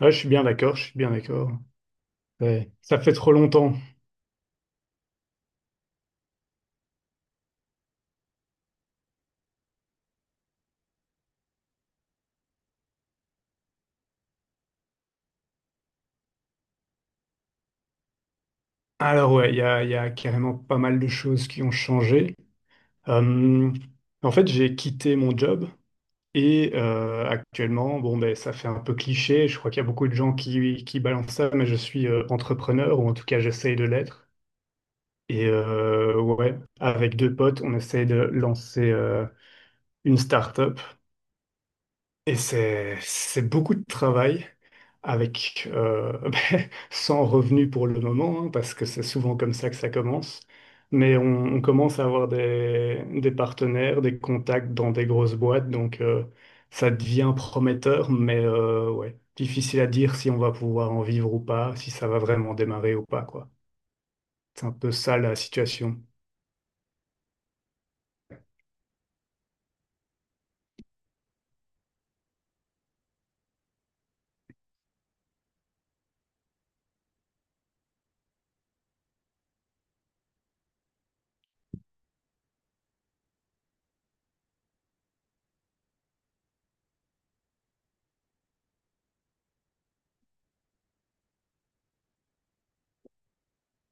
Ouais, je suis bien d'accord, je suis bien d'accord. Ouais, ça fait trop longtemps. Alors ouais, il y a carrément pas mal de choses qui ont changé. Euh, En fait, j'ai quitté mon job et actuellement, bon ben ça fait un peu cliché. Je crois qu'il y a beaucoup de gens qui balancent ça, mais je suis entrepreneur ou en tout cas j'essaye de l'être. Et ouais, avec deux potes, on essaye de lancer une start-up et c'est beaucoup de travail. Avec ben, sans revenu pour le moment, hein, parce que c'est souvent comme ça que ça commence. Mais on commence à avoir des partenaires, des contacts dans des grosses boîtes, donc ça devient prometteur, mais ouais, difficile à dire si on va pouvoir en vivre ou pas, si ça va vraiment démarrer ou pas, quoi. C'est un peu ça la situation.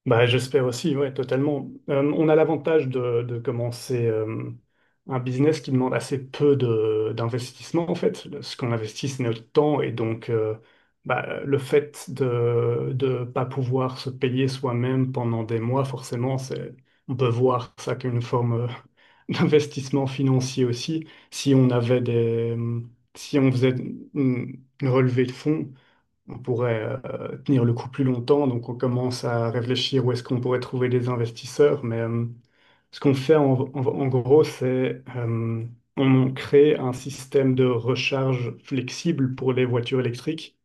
Bah, j'espère aussi, ouais, totalement. On a l'avantage de commencer un business qui demande assez peu de, d'investissement, en fait. Ce qu'on investit, c'est notre temps. Et donc, bah, le fait de ne pas pouvoir se payer soi-même pendant des mois, forcément, c'est, on peut voir ça comme une forme d'investissement financier aussi. Si on avait des, si on faisait une relevée de fonds, on pourrait tenir le coup plus longtemps. Donc, on commence à réfléchir où est-ce qu'on pourrait trouver des investisseurs. Mais ce qu'on fait en gros, c'est on crée un système de recharge flexible pour les voitures électriques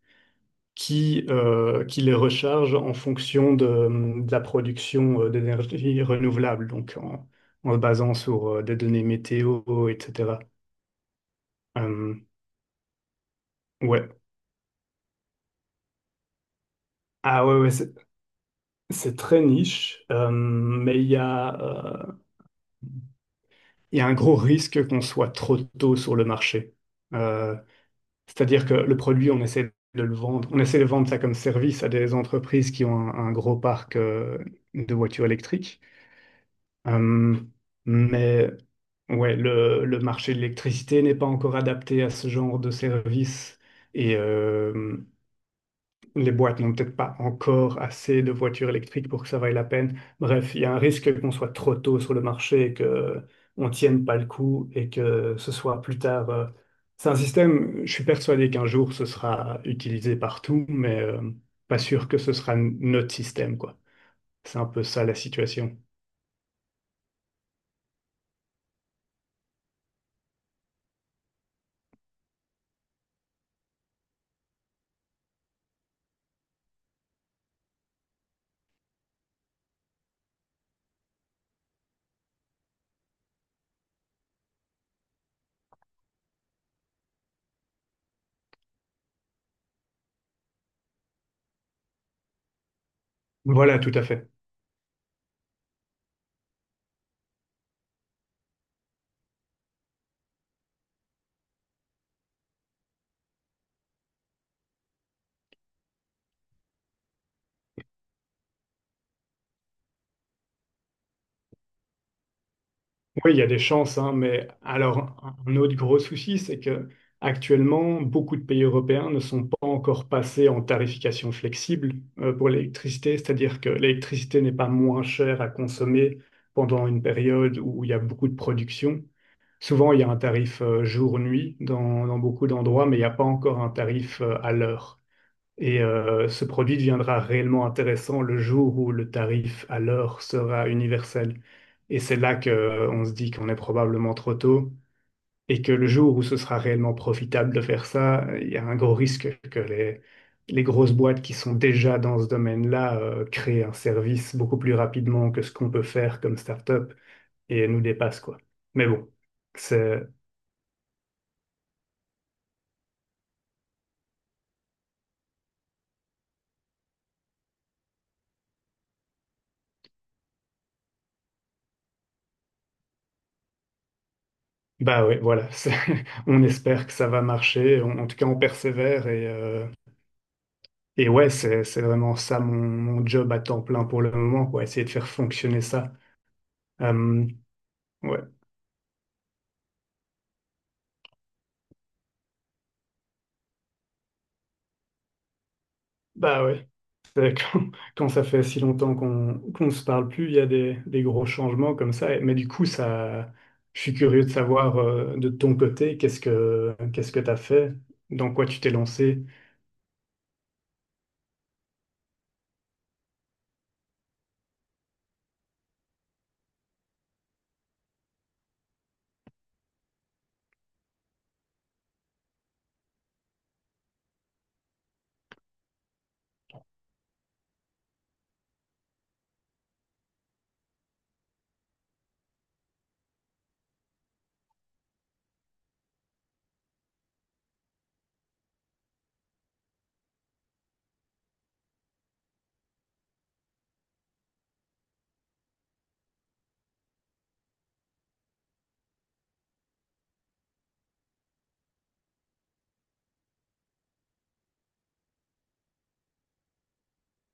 qui les recharge en fonction de la production d'énergie renouvelable, donc en se basant sur des données météo, etc. Euh, ouais. Ah ouais, ouais, c'est très niche, mais il y a un gros risque qu'on soit trop tôt sur le marché. Euh, C'est-à-dire que le produit, on essaie de le vendre, on essaie de vendre ça comme service à des entreprises qui ont un gros parc de voitures électriques. Euh, mais ouais, le marché de l'électricité n'est pas encore adapté à ce genre de service. Et, les boîtes n'ont peut-être pas encore assez de voitures électriques pour que ça vaille la peine. Bref, il y a un risque qu'on soit trop tôt sur le marché et que on tienne pas le coup et que ce soit plus tard. C'est un système, je suis persuadé qu'un jour ce sera utilisé partout, mais pas sûr que ce sera notre système, quoi. C'est un peu ça la situation. Voilà, tout à fait. Oui, il y a des chances, hein, mais alors un autre gros souci, c'est que actuellement, beaucoup de pays européens ne sont pas encore passés en tarification flexible pour l'électricité, c'est-à-dire que l'électricité n'est pas moins chère à consommer pendant une période où il y a beaucoup de production. Souvent, il y a un tarif jour-nuit dans beaucoup d'endroits, mais il n'y a pas encore un tarif à l'heure. Et ce produit deviendra réellement intéressant le jour où le tarif à l'heure sera universel. Et c'est là que on se dit qu'on est probablement trop tôt et que le jour où ce sera réellement profitable de faire ça, il y a un gros risque que les grosses boîtes qui sont déjà dans ce domaine-là créent un service beaucoup plus rapidement que ce qu'on peut faire comme start-up et nous dépassent, quoi. Mais bon, c'est... Bah ouais, voilà. On espère que ça va marcher. En en tout cas, on persévère et... Et ouais, c'est vraiment ça mon, mon job à temps plein pour le moment, quoi, essayer de faire fonctionner ça. Euh, ouais, bah ouais. C'est Quand, quand ça fait si longtemps qu'on ne se parle plus, il y a des gros changements comme ça. Mais du coup, ça, je suis curieux de savoir de ton côté, qu'est-ce que t'as fait, dans quoi tu t'es lancé.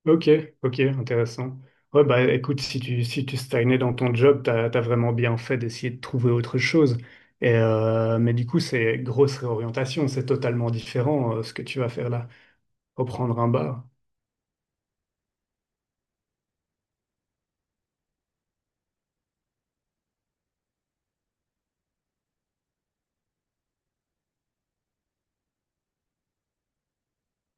Ok, ok, intéressant. Ouais, bah écoute, si tu, si tu stagnais dans ton job, t'as, t'as vraiment bien fait d'essayer de trouver autre chose. Et, mais du coup, c'est grosse réorientation, c'est totalement différent ce que tu vas faire là. Reprendre un bar.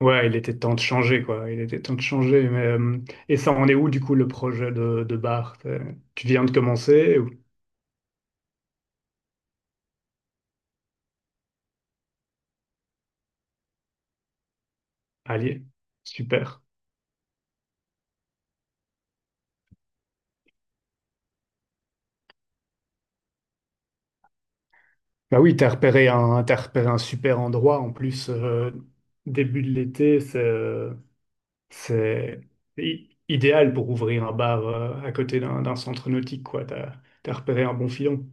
Ouais, il était temps de changer, quoi. Il était temps de changer. Mais, et ça, on est où du coup le projet de bar? Tu viens de commencer ou... Allier. Super. Bah oui, t'as repéré un super endroit en plus. Début de l'été, c'est... C'est idéal pour ouvrir un bar à côté d'un centre nautique, quoi. T'as, t'as repéré un bon filon.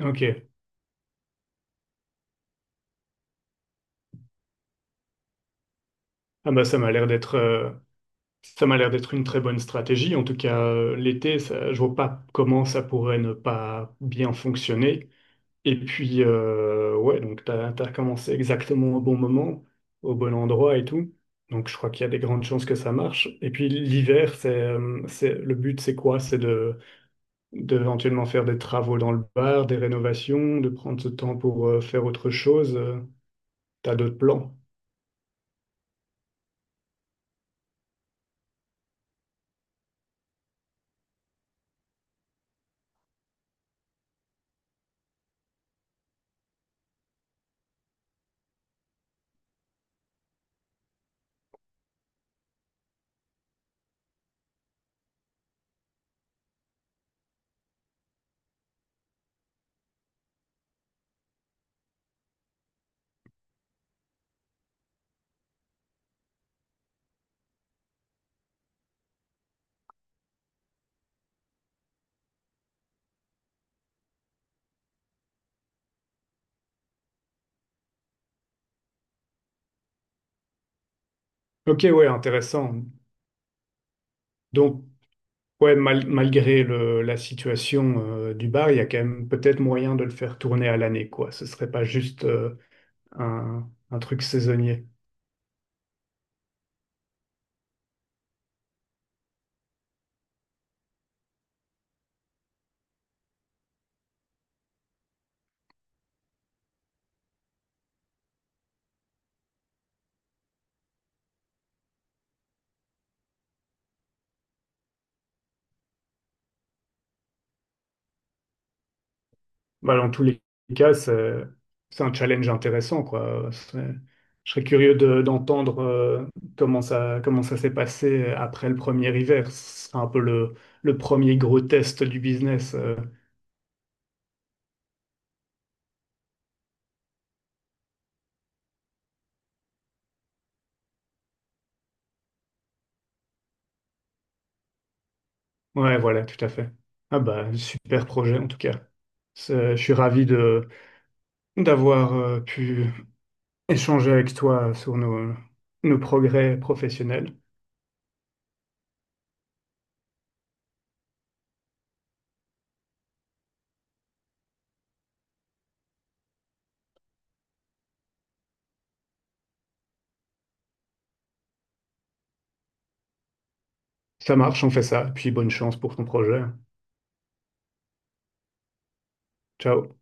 Ok. Ah bah ça m'a l'air d'être ça m'a l'air d'être une très bonne stratégie. En tout cas, l'été, je vois pas comment ça pourrait ne pas bien fonctionner. Et puis, ouais, donc t'as, t'as commencé exactement au bon moment, au bon endroit et tout. Donc, je crois qu'il y a des grandes chances que ça marche. Et puis, l'hiver, c'est, le but, c'est quoi? C'est de éventuellement faire des travaux dans le bar, des rénovations, de prendre ce temps pour faire autre chose. T'as d'autres plans? Ok, ouais, intéressant. Donc, ouais, malgré le, la situation du bar, il y a quand même peut-être moyen de le faire tourner à l'année, quoi. Ce serait pas juste un truc saisonnier. Bah, dans tous les cas, c'est un challenge intéressant, quoi. Je serais curieux d'entendre comment ça s'est passé après le premier hiver. Ce sera un peu le premier gros test du business. Ouais, voilà, tout à fait. Ah bah, super projet en tout cas. Je suis ravi de d'avoir pu échanger avec toi sur nos, nos progrès professionnels. Ça marche, on fait ça. Puis bonne chance pour ton projet. Ciao.